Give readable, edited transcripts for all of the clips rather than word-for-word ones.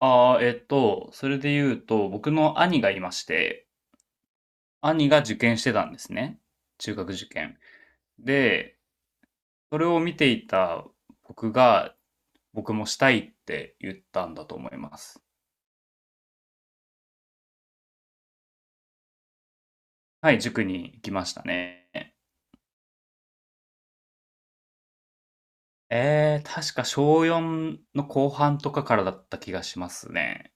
ああ、それで言うと、僕の兄がいまして、兄が受験してたんですね。中学受験。で、それを見ていた僕が、僕もしたいって言ったんだと思います。はい、塾に行きましたね。確か小4の後半とかからだった気がしますね。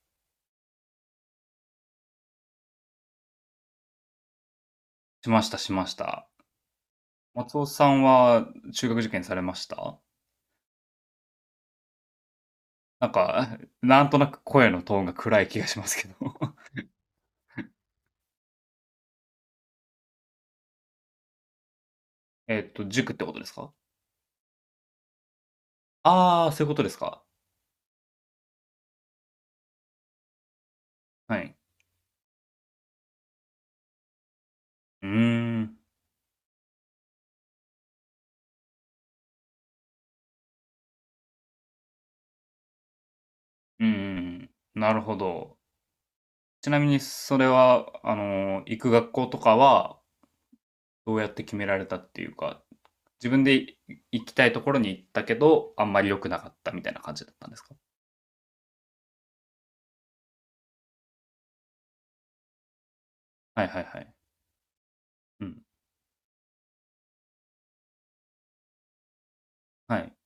しました、しました。松尾さんは中学受験されました？なんか、なんとなく声のトーンが暗い気がしますけど。塾ってことですか？ああ、そういうことですか。はい。うーん。うんうんうん。なるほど。ちなみにそれは、行く学校とかは、どうやって決められたっていうか、自分で行きたいところに行ったけど、あんまり良くなかったみたいな感じだったんですか？はいはいはい。うん。はい。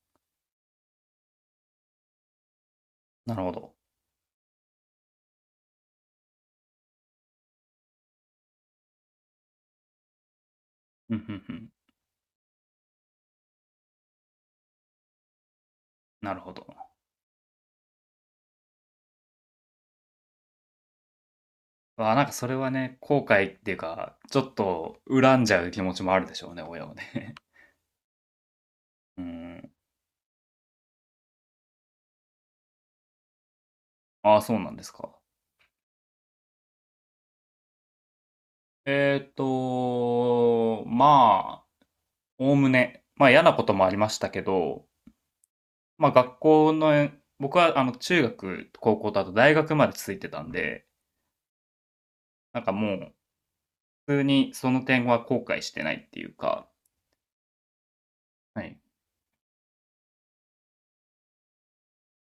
なるほど。うん、うんうん。なるほど。わあ、なんかそれはね、後悔っていうか、ちょっと恨んじゃう気持ちもあるでしょうね、親はね。うーん。ああ、そうなんですか。まあおおむね、まあ嫌なこともありましたけど、まあ学校の、僕はあの中学、高校とあと大学まで続いてたんで、なんかもう普通にその点は後悔してないっていうか、はい、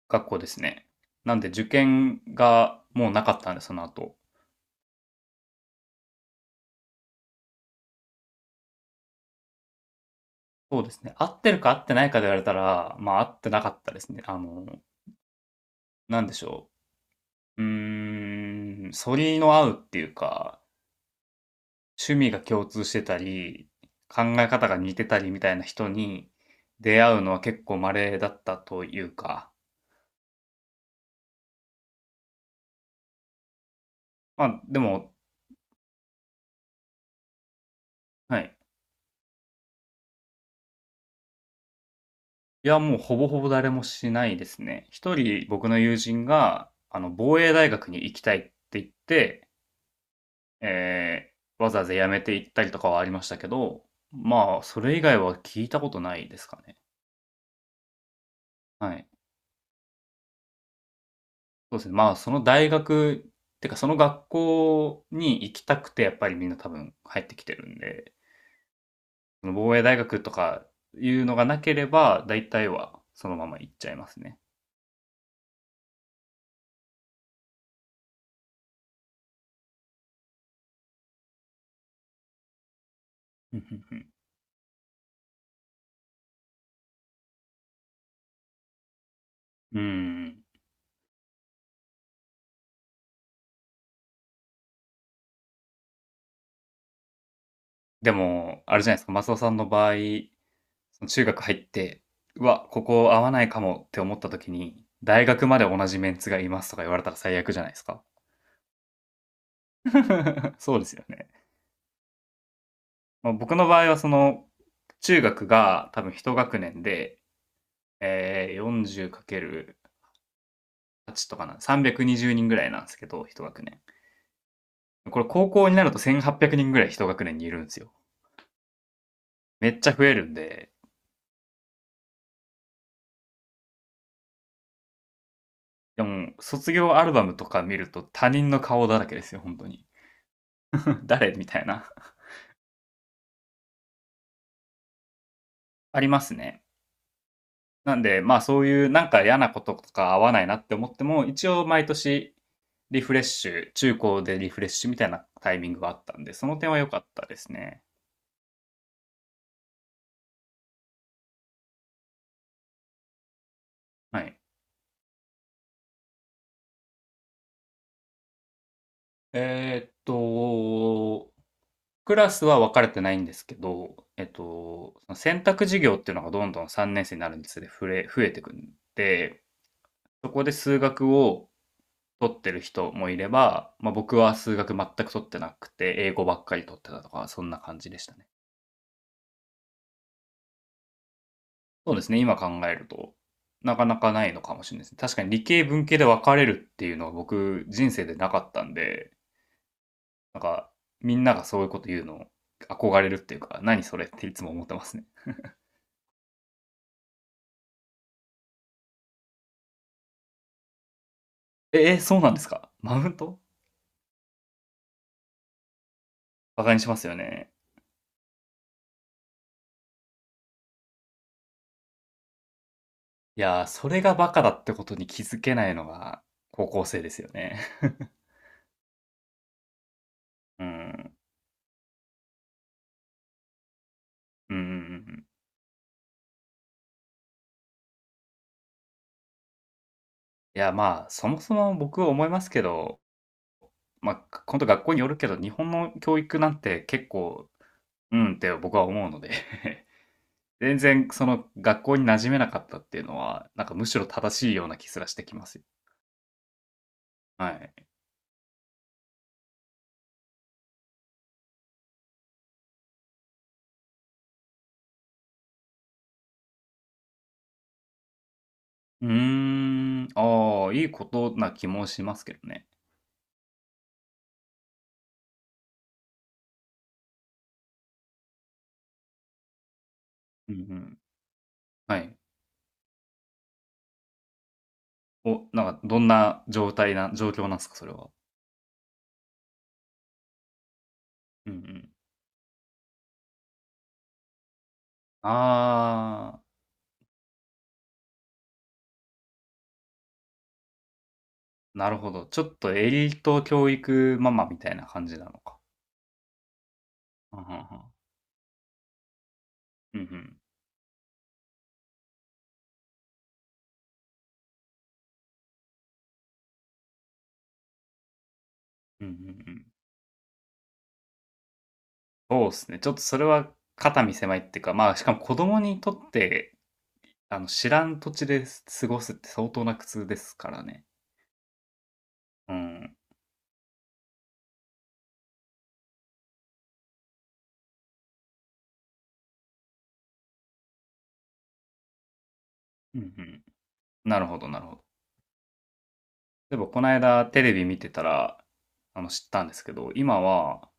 学校ですね。なんで受験がもうなかったんで、その後。そうですね。合ってるか合ってないかで言われたら、まあ合ってなかったですね。なんでしょう。うーん、反りの合うっていうか、趣味が共通してたり、考え方が似てたりみたいな人に出会うのは結構稀だったというか、まあでも、はい。いや、もうほぼほぼ誰もしないですね。一人僕の友人が、防衛大学に行きたいって言って、えわざわざ辞めて行ったりとかはありましたけど、まあ、それ以外は聞いたことないですかね。はい。そうですね。まあ、その大学、てかその学校に行きたくて、やっぱりみんな多分入ってきてるんで、その防衛大学とかいうのがなければ、大体はそのまま行っちゃいますね。うんうんうん。でも、あれじゃないですか、マスオさんの場合、その中学入って、うわ、ここ合わないかもって思った時に、大学まで同じメンツがいますとか言われたら最悪じゃないですか。そうですよね。まあ、僕の場合はその、中学が多分一学年で、えー、40×8 とかな、320人ぐらいなんですけど、一学年。これ高校になると1800人ぐらい一学年にいるんですよ。めっちゃ増えるんで、でも卒業アルバムとか見ると他人の顔だらけですよ、本当に。誰みたいな。ありますね。なんで、まあそういうなんか嫌なこととか合わないなって思っても、一応毎年リフレッシュ、中高でリフレッシュみたいなタイミングがあったんで、その点は良かったですね。はい。えーっと、クラスは分かれてないんですけど、その選択授業っていうのがどんどん3年生になるにつれ増えてくんで、そこで数学を取ってる人もいれば、まあ、僕は数学全く取ってなくて、英語ばっかり取ってたとか、そんな感じでしたね。そうですね、今考えると、なかなかないのかもしれないですね。確かに理系、文系で分かれるっていうのは僕、人生でなかったんで、なんか、みんながそういうこと言うの憧れるっていうか、何それっていつも思ってますね。そうなんですか、マウント？バカにしますよね。いやー、それがバカだってことに気づけないのが高校生ですよね。うん。うんうんうん。いや、まあ、そもそも僕は思いますけど、まあ、本当学校によるけど、日本の教育なんて結構、うんって僕は思うので、全然その学校に馴染めなかったっていうのは、なんかむしろ正しいような気すらしてきますよ。はい。うーん、ああ、いいことな気もしますけどね。うんうん。はい。お、なんかどんな状態な状況なんですか？それは。うんうん。ああ、なるほど。ちょっとエリート教育ママみたいな感じなのか。はん。うんうん。うんうん。うんうんうん。そうですね。ちょっとそれは肩身狭いっていうか、まあ、しかも子供にとって、知らん土地で過ごすって相当な苦痛ですからね。うん。うんうん。なるほどなるほど。例えばこの間テレビ見てたら、知ったんですけど、今は、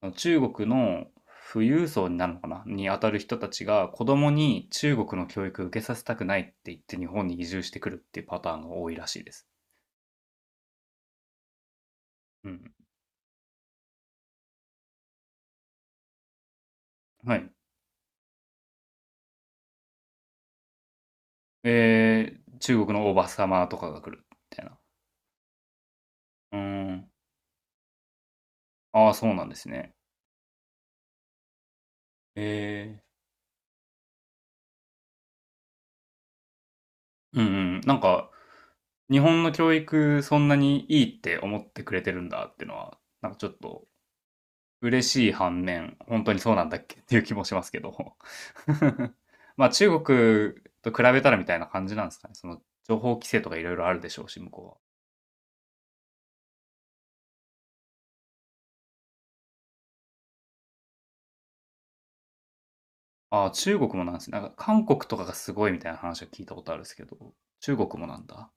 その中国の富裕層になるのかなに当たる人たちが子供に中国の教育を受けさせたくないって言って日本に移住してくるっていうパターンが多いらしいです。うん。はい。中国のおばさまとかが来るみたいな。うーん。ああ、そうなんですね。えー。うんうん。なんか、日本の教育そんなにいいって思ってくれてるんだっていうのは、なんかちょっと嬉しい反面、本当にそうなんだっけっていう気もしますけど。まあ中国と比べたらみたいな感じなんですかね。その情報規制とかいろいろあるでしょうし、向こうは。ああ、中国もなんですね。なんか韓国とかがすごいみたいな話を聞いたことあるんですけど、中国もなんだ。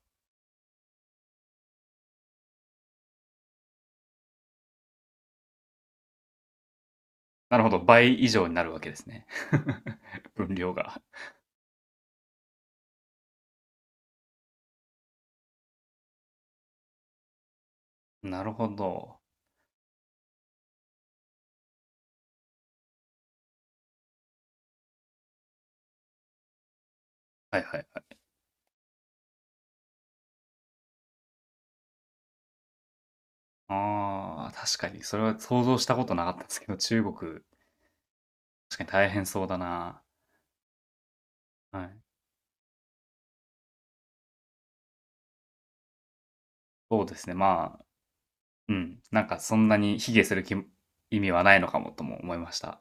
なるほど。倍以上になるわけですね。分量が。なるほど。はいはいはい。ああ、確かに。それは想像したことなかったんですけど、中国、確かに大変そうだな。はい。そうですね。まあ、うん、なんかそんなに卑下する意味はないのかもとも思いました。